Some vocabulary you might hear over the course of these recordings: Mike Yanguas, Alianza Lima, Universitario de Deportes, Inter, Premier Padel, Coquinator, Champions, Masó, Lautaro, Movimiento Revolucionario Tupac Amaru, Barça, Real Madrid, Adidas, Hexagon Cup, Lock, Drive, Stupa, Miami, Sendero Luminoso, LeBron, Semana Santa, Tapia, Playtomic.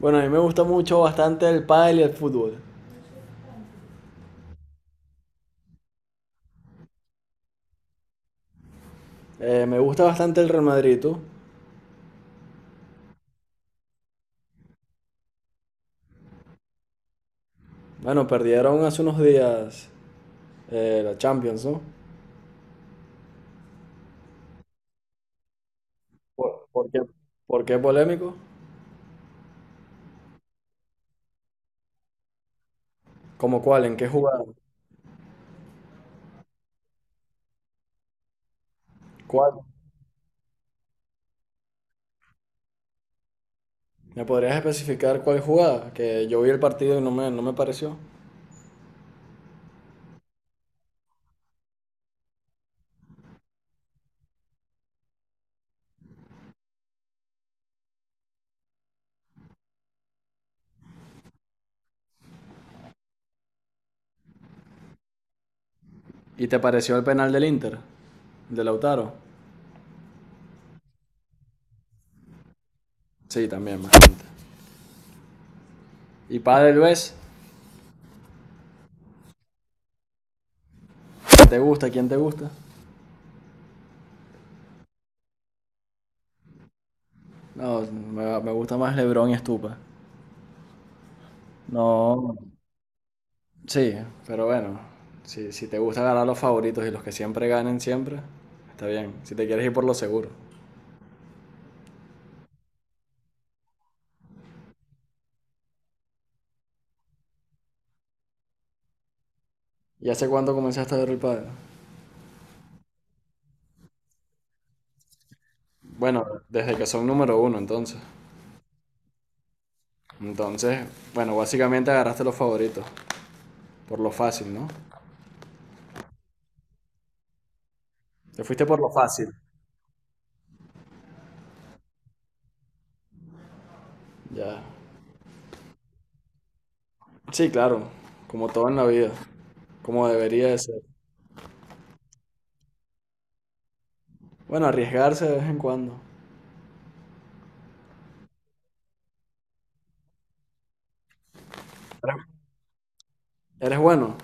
Bueno, a mí me gusta mucho bastante el pádel y el fútbol. Me gusta bastante el Real Madrid, ¿tú? Bueno, perdieron hace unos días la Champions, ¿no? ¿Por qué? ¿Por qué polémico? ¿Cómo cuál? ¿En qué jugada? ¿Cuál? ¿Me podrías especificar cuál jugada? Que yo vi el partido y no me pareció. ¿Y te pareció el penal del Inter? ¿De Lautaro? Sí, también, bastante. ¿Y pádel ves? ¿Te gusta? ¿Quién te gusta? No, me gusta más LeBron y Stupa. No. Sí, pero bueno, si te gusta ganar los favoritos y los que siempre ganen siempre, está bien, si te quieres ir por lo seguro. ¿Y hace cuánto comenzaste a ver el pádel? Bueno, desde que son número uno entonces. Entonces, bueno, básicamente agarraste los favoritos, por lo fácil, ¿no? Te fuiste por lo fácil. Ya. Sí, claro, como todo en la vida, como debería de ser. Bueno, arriesgarse de vez en cuando. Eres eres bueno,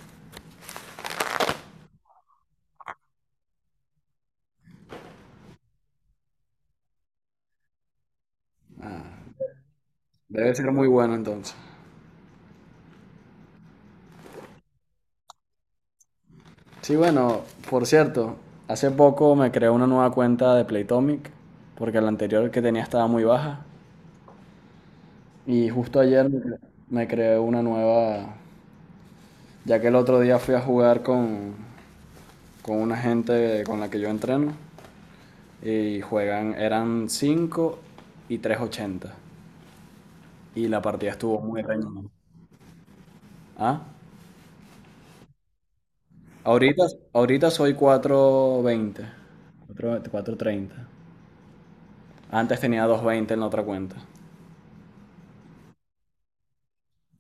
debe ser muy bueno entonces. Sí, bueno, por cierto, hace poco me creé una nueva cuenta de Playtomic, porque la anterior que tenía estaba muy baja. Y justo ayer me creé una nueva, ya que el otro día fui a jugar con una gente con la que yo entreno. Y juegan, eran 5 y 380. Y la partida estuvo muy reñida. ¿Ah? Ahorita, ahorita soy 4.20. 30. Antes tenía 220 en la otra cuenta.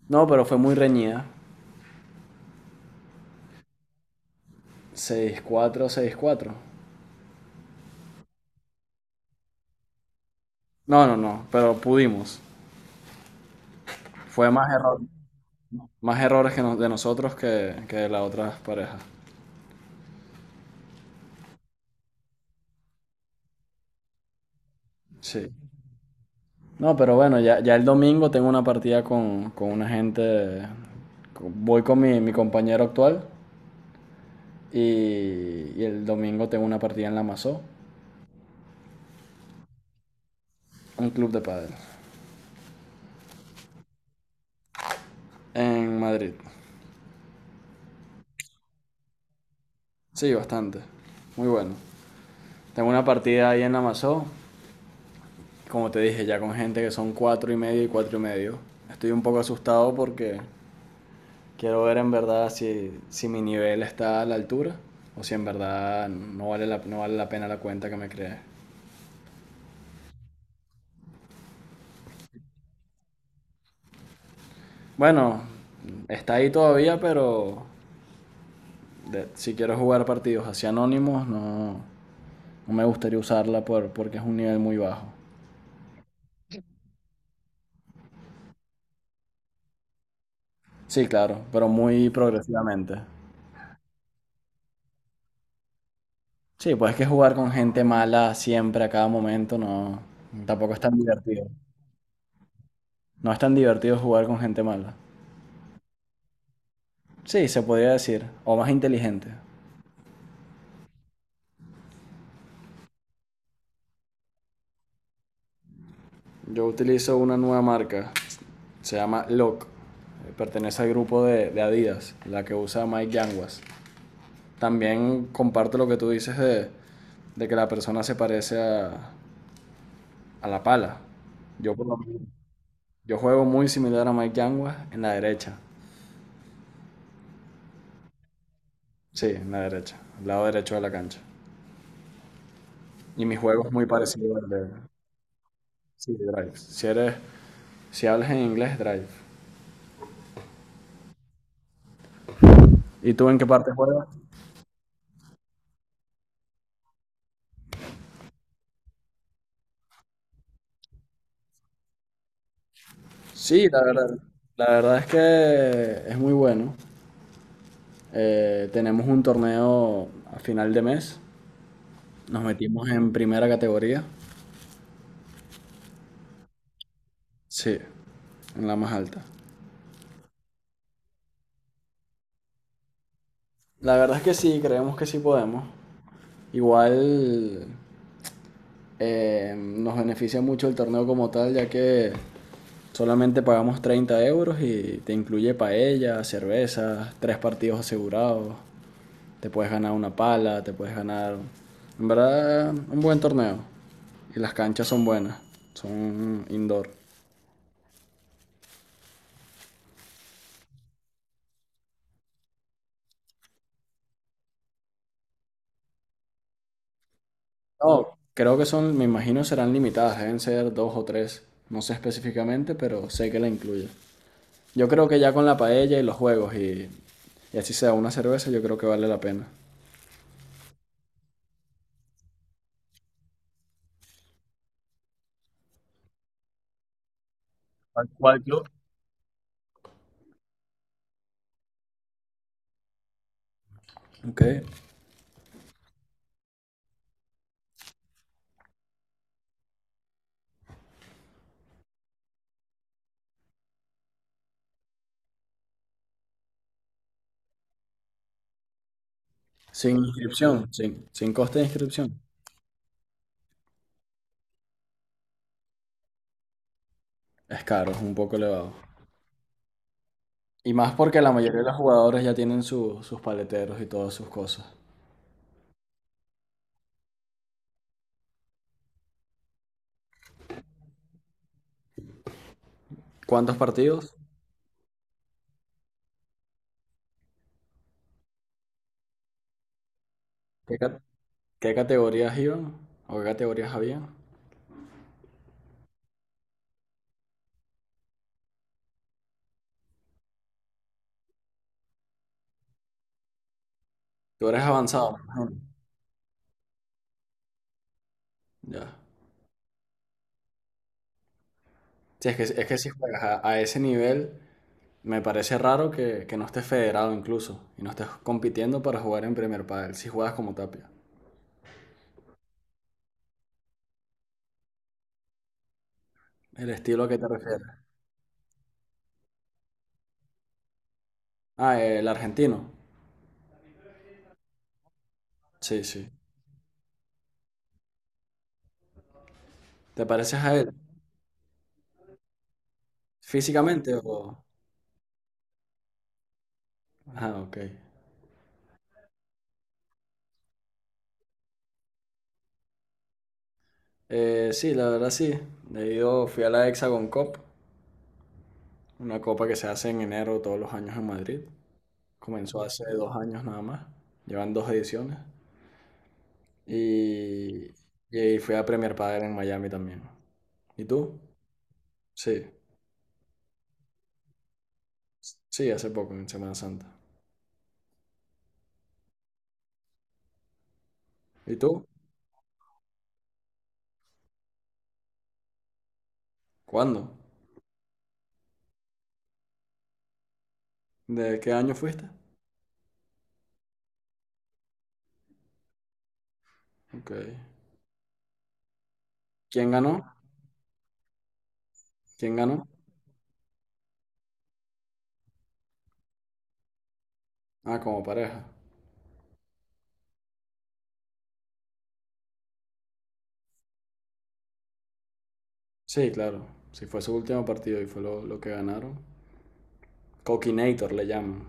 No, pero fue muy reñida. 6-4, 6-4 No, no, no, pero pudimos. Fue más error, más errores de nosotros que de las otras parejas. Sí. No, pero bueno, ya, ya el domingo tengo una partida con una gente. Voy con mi compañero actual y el domingo tengo una partida en la Masó, un club de pádel, en Madrid. Sí, bastante. Muy bueno. Tengo una partida ahí en la Masó, como te dije, ya con gente que son 4,5 y 4,5. Estoy un poco asustado porque quiero ver en verdad si mi nivel está a la altura o si en verdad no vale la pena la cuenta que me creé. Bueno, está ahí todavía, pero si quiero jugar partidos así anónimos, no, no me gustaría usarla porque es un nivel muy bajo. Sí, claro, pero muy progresivamente. Sí, pues es que jugar con gente mala siempre a cada momento no, tampoco es tan divertido. No es tan divertido jugar con gente mala. Sí, se podría decir. O más inteligente. Yo utilizo una nueva marca. Se llama Lock. Pertenece al grupo de Adidas, la que usa Mike Yanguas. También comparto lo que tú dices de que la persona se parece a la pala. Yo, por lo menos- Yo juego muy similar a Mike Yanguas en la derecha. Sí, en la derecha, al lado derecho de la cancha. Y mi juego es muy parecido al de, sí, de Drive. Si hablas en inglés, Drive. ¿Y tú en qué parte juegas? Sí, la verdad es que es muy bueno. Tenemos un torneo a final de mes. Nos metimos en primera categoría. Sí, en la más alta. La verdad es que sí, creemos que sí podemos. Igual nos beneficia mucho el torneo como tal, ya que solamente pagamos 30 euros y te incluye paella, cervezas, tres partidos asegurados. Te puedes ganar una pala, te puedes ganar. En verdad, un buen torneo. Y las canchas son buenas, son indoor. No, creo que son, me imagino serán limitadas, deben ser dos o tres. No sé específicamente, pero sé que la incluye. Yo creo que ya con la paella y los juegos y así sea una cerveza, yo creo que vale la pena. ¿Cuál club? Ok. Sin inscripción, sin coste de inscripción. Es caro, es un poco elevado. Y más porque la mayoría de los jugadores ya tienen sus paleteros y todas sus cosas. ¿Cuántos partidos? ¿Qué, ca- qué categorías iban? ¿O qué categorías había? Tú eres avanzado, me imagino. Ya. Sí, es que si juegas a ese nivel, me parece raro que no estés federado incluso y no estés compitiendo para jugar en Premier Padel, si juegas como Tapia. ¿El estilo a qué te refieres? Ah, el argentino. Sí, sí. ¿Te pareces a él físicamente o...? Ah, ok. Sí, la verdad sí. He ido, fui a la Hexagon Cup, una copa que se hace en enero todos los años en Madrid. Comenzó hace 2 años nada más. Llevan dos ediciones. Y, y fui a Premier Padel en Miami también. ¿Y tú? Sí, sí, hace poco, en Semana Santa. ¿Y tú? ¿Cuándo? ¿De qué año fuiste? Ok. ¿Quién ganó? ¿Quién ganó? Ah, como pareja. Sí, claro. Si fue su último partido y fue lo que ganaron. Coquinator le llaman.